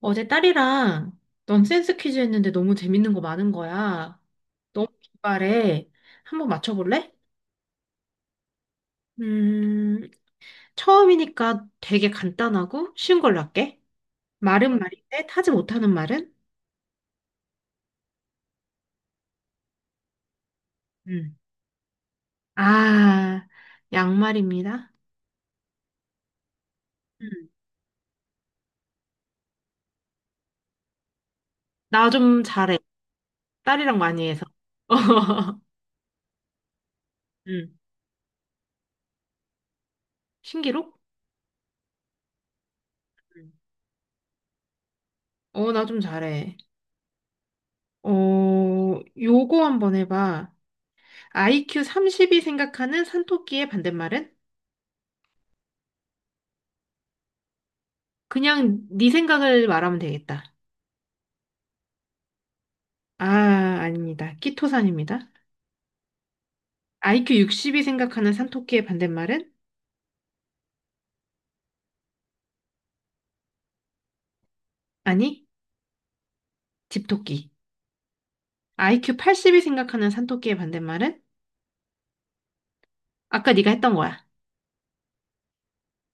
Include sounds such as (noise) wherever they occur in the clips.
어제 딸이랑 넌센스 퀴즈 했는데 너무 재밌는 거 많은 거야. 너무 기발해. 한번 맞춰볼래? 음, 처음이니까 되게 간단하고 쉬운 걸로 할게. 말은 말인데 타지 못하는 말은? 음. 아, 양말입니다. 음. 나 좀 잘해. 딸이랑 많이 해서. (laughs) 음. 신기록? 음. 어, 나 좀 잘해. 어, 요거 한번 해봐. IQ 30이 생각하는 산토끼의 반대말은? 그냥 네 생각을 말하면 되겠다. 아, 아닙니다. 키토산입니다. IQ 60이 생각하는 산토끼의 반대말은? 아니, 집토끼. IQ 80이 생각하는 산토끼의 반대말은? 아까 네가 했던 거야.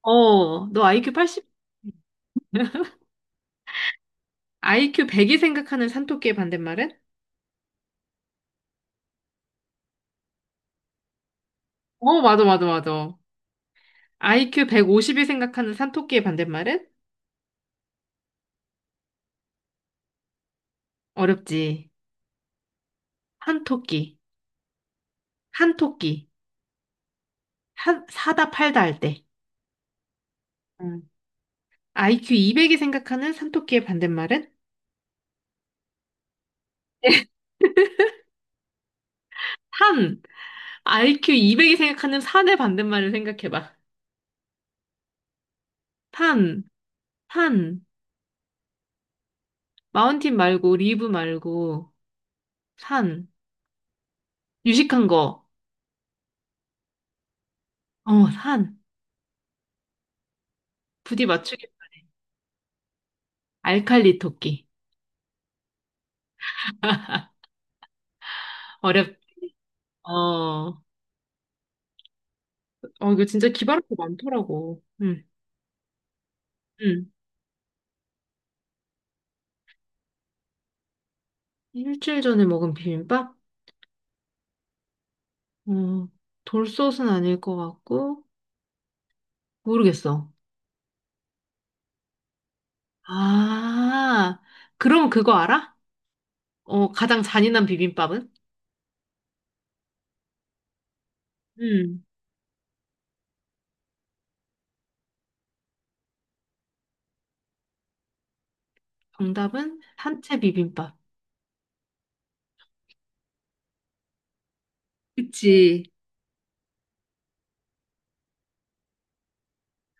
너 IQ 80, IQ 100이 생각하는 산토끼의 반대말은? 어, 맞아, 맞아, 맞아. IQ 150이 생각하는 산토끼의 반대말은? 어렵지. 한토끼, 한토끼, 한, 사다 팔다 할 때. 응. IQ 200이 생각하는 산토끼의 반대말은? 산! IQ 200이 생각하는 산의 반대말을 생각해봐. 산, 산. 마운틴 말고, 리브 말고, 산. 유식한 거. 산. 부디 맞추기. 알칼리 토끼. 어렵, 어, 어, 이거 진짜 기발한 거 많더라고. 응, 응. 일주일 전에 먹은 비빔밥? 어, 돌솥은 아닐 것 같고, 모르겠어. 아, 그럼 그거 알아? 가장 잔인한 비빔밥은? 음, 정답은 산채 비빔밥. 그치.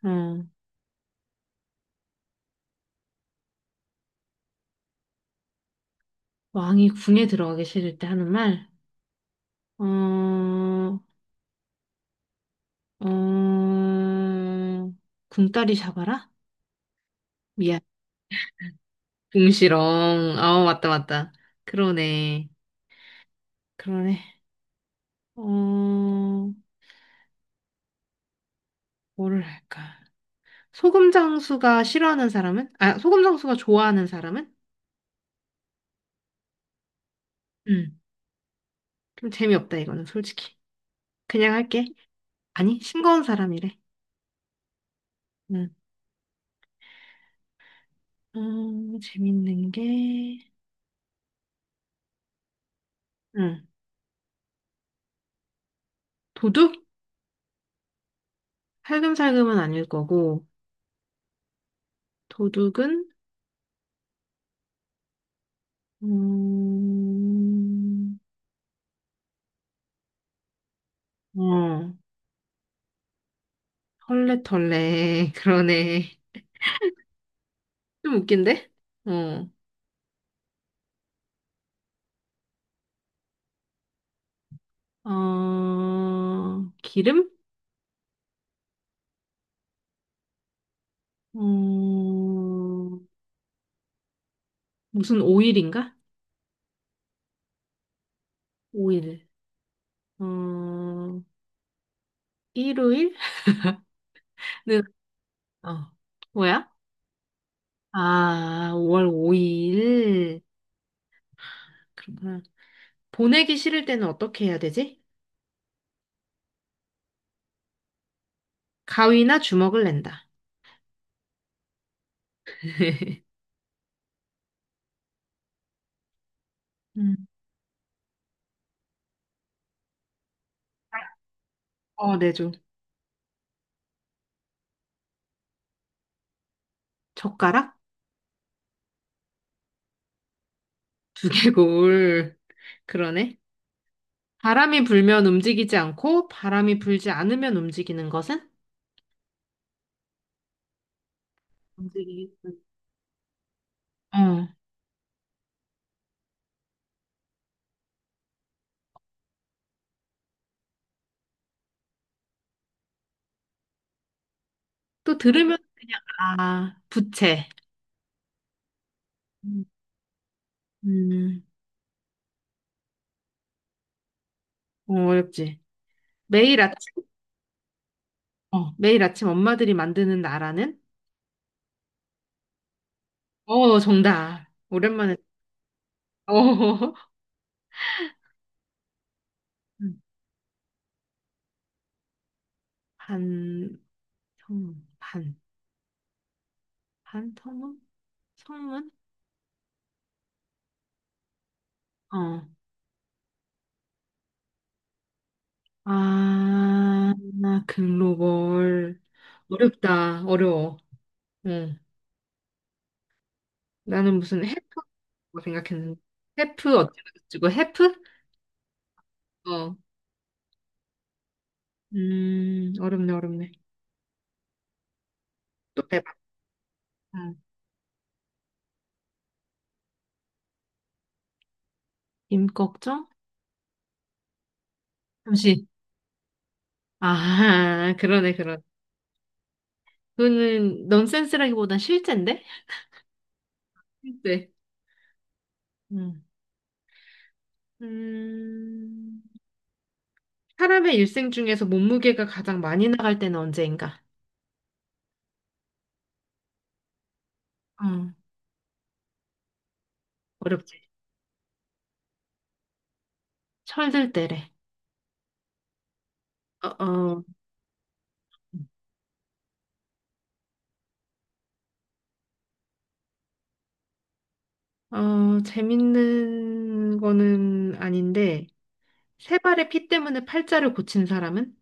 어, 왕이 궁에 들어가기 싫을 때 하는 말. 어, 어, 궁따리 잡아라? 미안. 궁시렁. 아, 맞다, 맞다. 그러네. 그러네. 어, 뭐를 할까? 소금 장수가 싫어하는 사람은? 아, 소금 장수가 좋아하는 사람은? 음. 좀 재미없다, 이거는 솔직히. 그냥 할게. 아니, 싱거운 사람이래. 응. 재밌는 게, 응. 도둑? 살금살금은 아닐 거고, 도둑은, 음, 어, 헐레털레, (laughs) 그러네. 좀 웃긴데? 어, 기름? 어, 무슨 오일인가? 오일. 어, 일요일 (laughs) 네... 어, 뭐야? 아, 5월 5일. 그렇구나. 보내기 싫을 때는 어떻게 해야 되지? 가위나 주먹을 낸다. (laughs) 음. 어, 내줘. 젓가락? 두개골. 그러네. 바람이 불면 움직이지 않고, 바람이 불지 않으면 움직이는 것은? 움직이기. 어. 또 들으면 그냥, 아, 부채. 음. 음. 어, 어렵지. 매일 아침, 매일 아침 엄마들이 만드는 나라는? 어, 정답. 오랜만에. 어, (laughs) 반. 반, 반. 반통문성문. 어. 아, 글로벌. 어렵다. 어려워. 응. 나는 무슨 해프라고 생각했는데. 해프 어쩌고저쩌고 해프? 어. 어렵네, 어렵네. 또 해봐. 응. 임꺽정? 잠시. 아, (laughs) 그러네, 그러네. 그거는 넌센스라기보단 실제인데? 실제. 응. 음, 사람의 일생 중에서 몸무게가 가장 많이 나갈 때는 언제인가? 응. 어렵지. 철들 때래. 어, 어, 재밌는 거는 아닌데, 세 발의 피 때문에 팔자를 고친 사람은?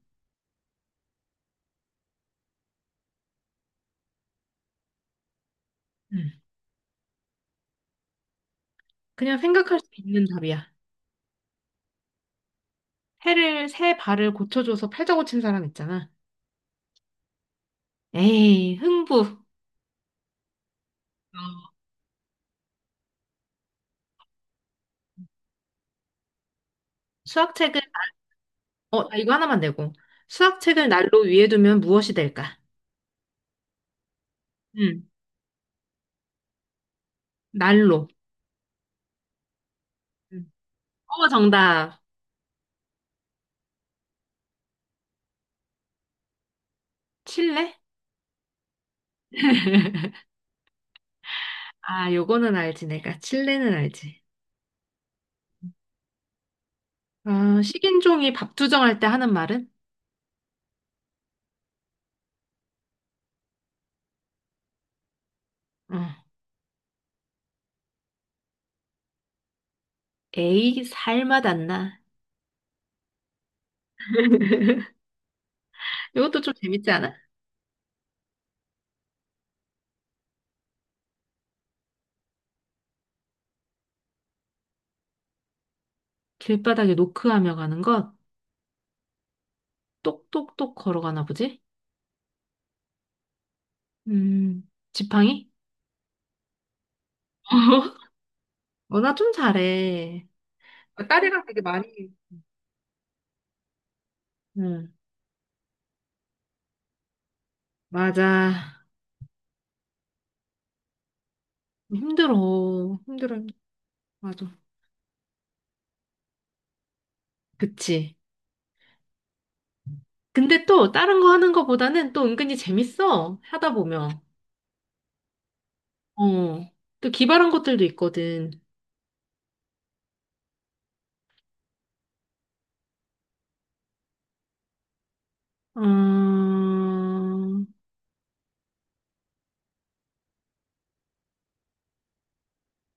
음. 그냥 생각할 수 있는 답이야. 세 발을 고쳐줘서 팔자 고친 사람 있잖아. 에이, 흥부. 어. 수학책을, 나 이거 하나만 내고. 수학책을 난로 위에 두면 무엇이 될까? 음. 난로. 음. 어, 정답. 칠레? (laughs) 아, 요거는 알지, 내가. 칠레는 알지. 아, 식인종이 밥투정할 때 하는 말은? 응. 에이, 살맛 안 나. (laughs) 이것도 좀 재밌지 않아? 길바닥에 노크하며 가는 것, 똑똑똑 걸어가나 보지? 지팡이? (laughs) 어, 나 좀 잘해. 아, 딸이랑 되게 많이. 응, 맞아. 힘들어. 힘들어. 힘들어. 맞아. 그치. 근데 또 다른 거 하는 거보다는 또 은근히 재밌어. 하다 보면. 어. 또 기발한 것들도 있거든. 어...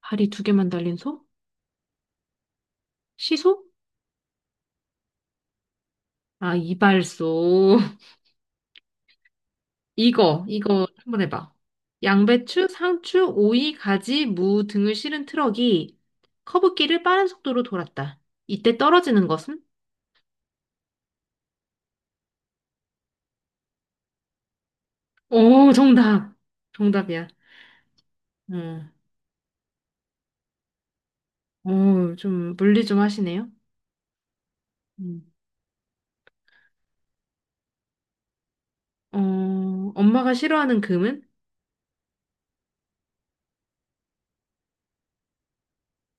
다리 두 개만 달린 소? 시소? 아, 이발소. (laughs) 이거 한번 해봐. 양배추, 상추, 오이, 가지, 무 등을 실은 트럭이 커브길을 빠른 속도로 돌았다. 이때 떨어지는 것은? 오, 정답. 정답이야. 응. 오, 좀 물리 좀 하시네요. 음. 어, 엄마가 싫어하는 금은?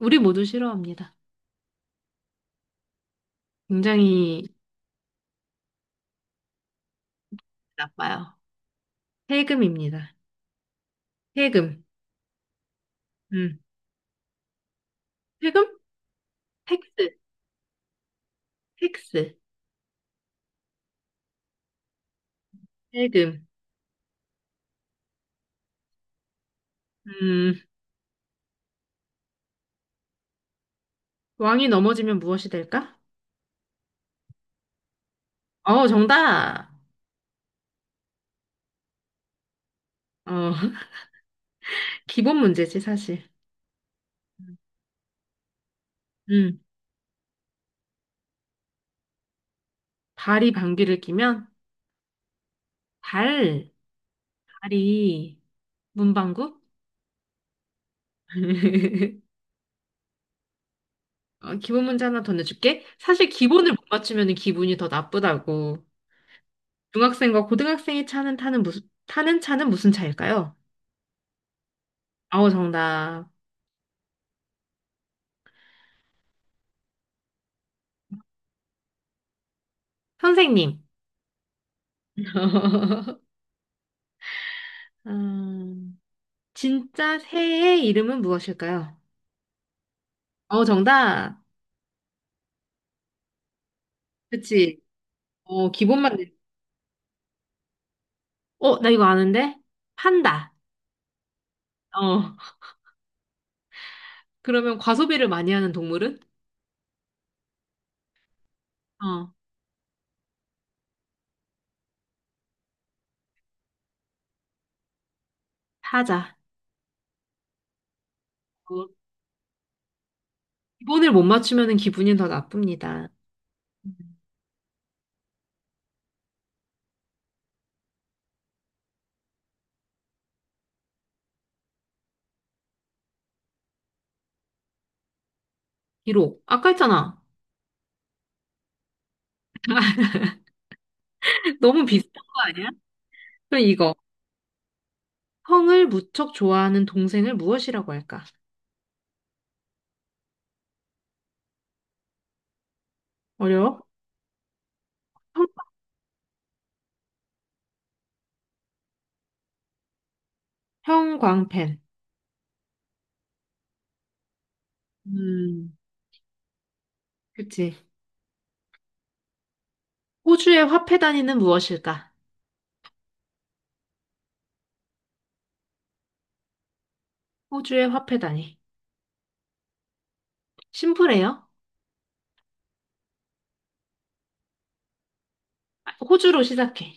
우리 모두 싫어합니다. 굉장히 나빠요. 세금입니다. 세금. 음. 세금? 텍스. 텍스. 세금. 음, 왕이 넘어지면 무엇이 될까? 어, 정답. 어, (laughs) 기본 문제지, 사실. 음, 발이 방귀를 뀌면? 발, 발이 문방구? (laughs) 기본 문제 하나 더 내줄게. 사실 기본을 못 맞추면 기분이 더 나쁘다고. 중학생과 고등학생이 차는 타는 무슨, 타는 차는 무슨 차일까요? 어, 정답. 선생님. (laughs) 음, 진짜 새의 이름은 무엇일까요? 어, 정답. 그치. 기본만 내. 어, 나 이거 아는데? 판다. 어. 그러면 과소비를 많이 하는 동물은? 어, 사자. 어, 기본을 못 맞추면은 기분이 더 나쁩니다. 음. 기록. 아까 했잖아. (laughs) 너무 비슷한 거 아니야? 그럼 이거. 형을 무척 좋아하는 동생을 무엇이라고 할까? 어려워? 형, 형광펜. 음, 그치. 호주의 화폐 단위는 무엇일까? 호주의 화폐 단위. 심플해요. 아, 호주로 시작해.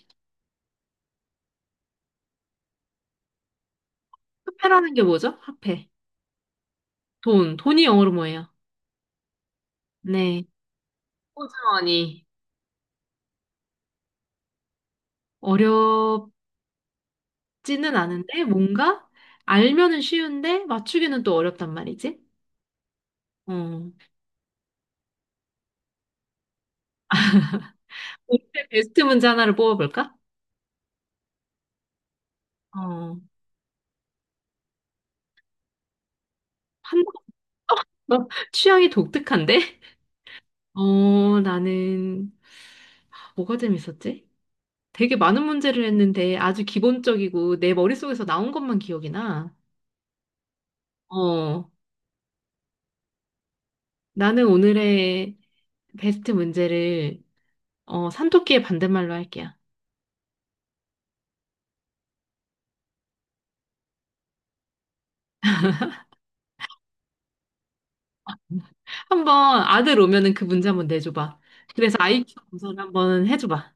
화폐라는 게 뭐죠? 화폐. 돈, 돈이 영어로 뭐예요? 네. 호주머니. 어렵지는 않은데, 뭔가 알면은 쉬운데, 맞추기는 또 어렵단 말이지. 어. 올해 베스트 문제 하나를 뽑아볼까? 어. 한, 너 (laughs) 취향이 독특한데? 나는, 뭐가 재밌었지? 되게 많은 문제를 했는데, 아주 기본적이고, 내 머릿속에서 나온 것만 기억이 나. 어. 나는 오늘의 베스트 문제를, 산토끼의 반대말로 할게요. 한번 아들 오면은 그 문제 한번 내줘봐. 그래서 IQ 검사를 한번 해줘봐.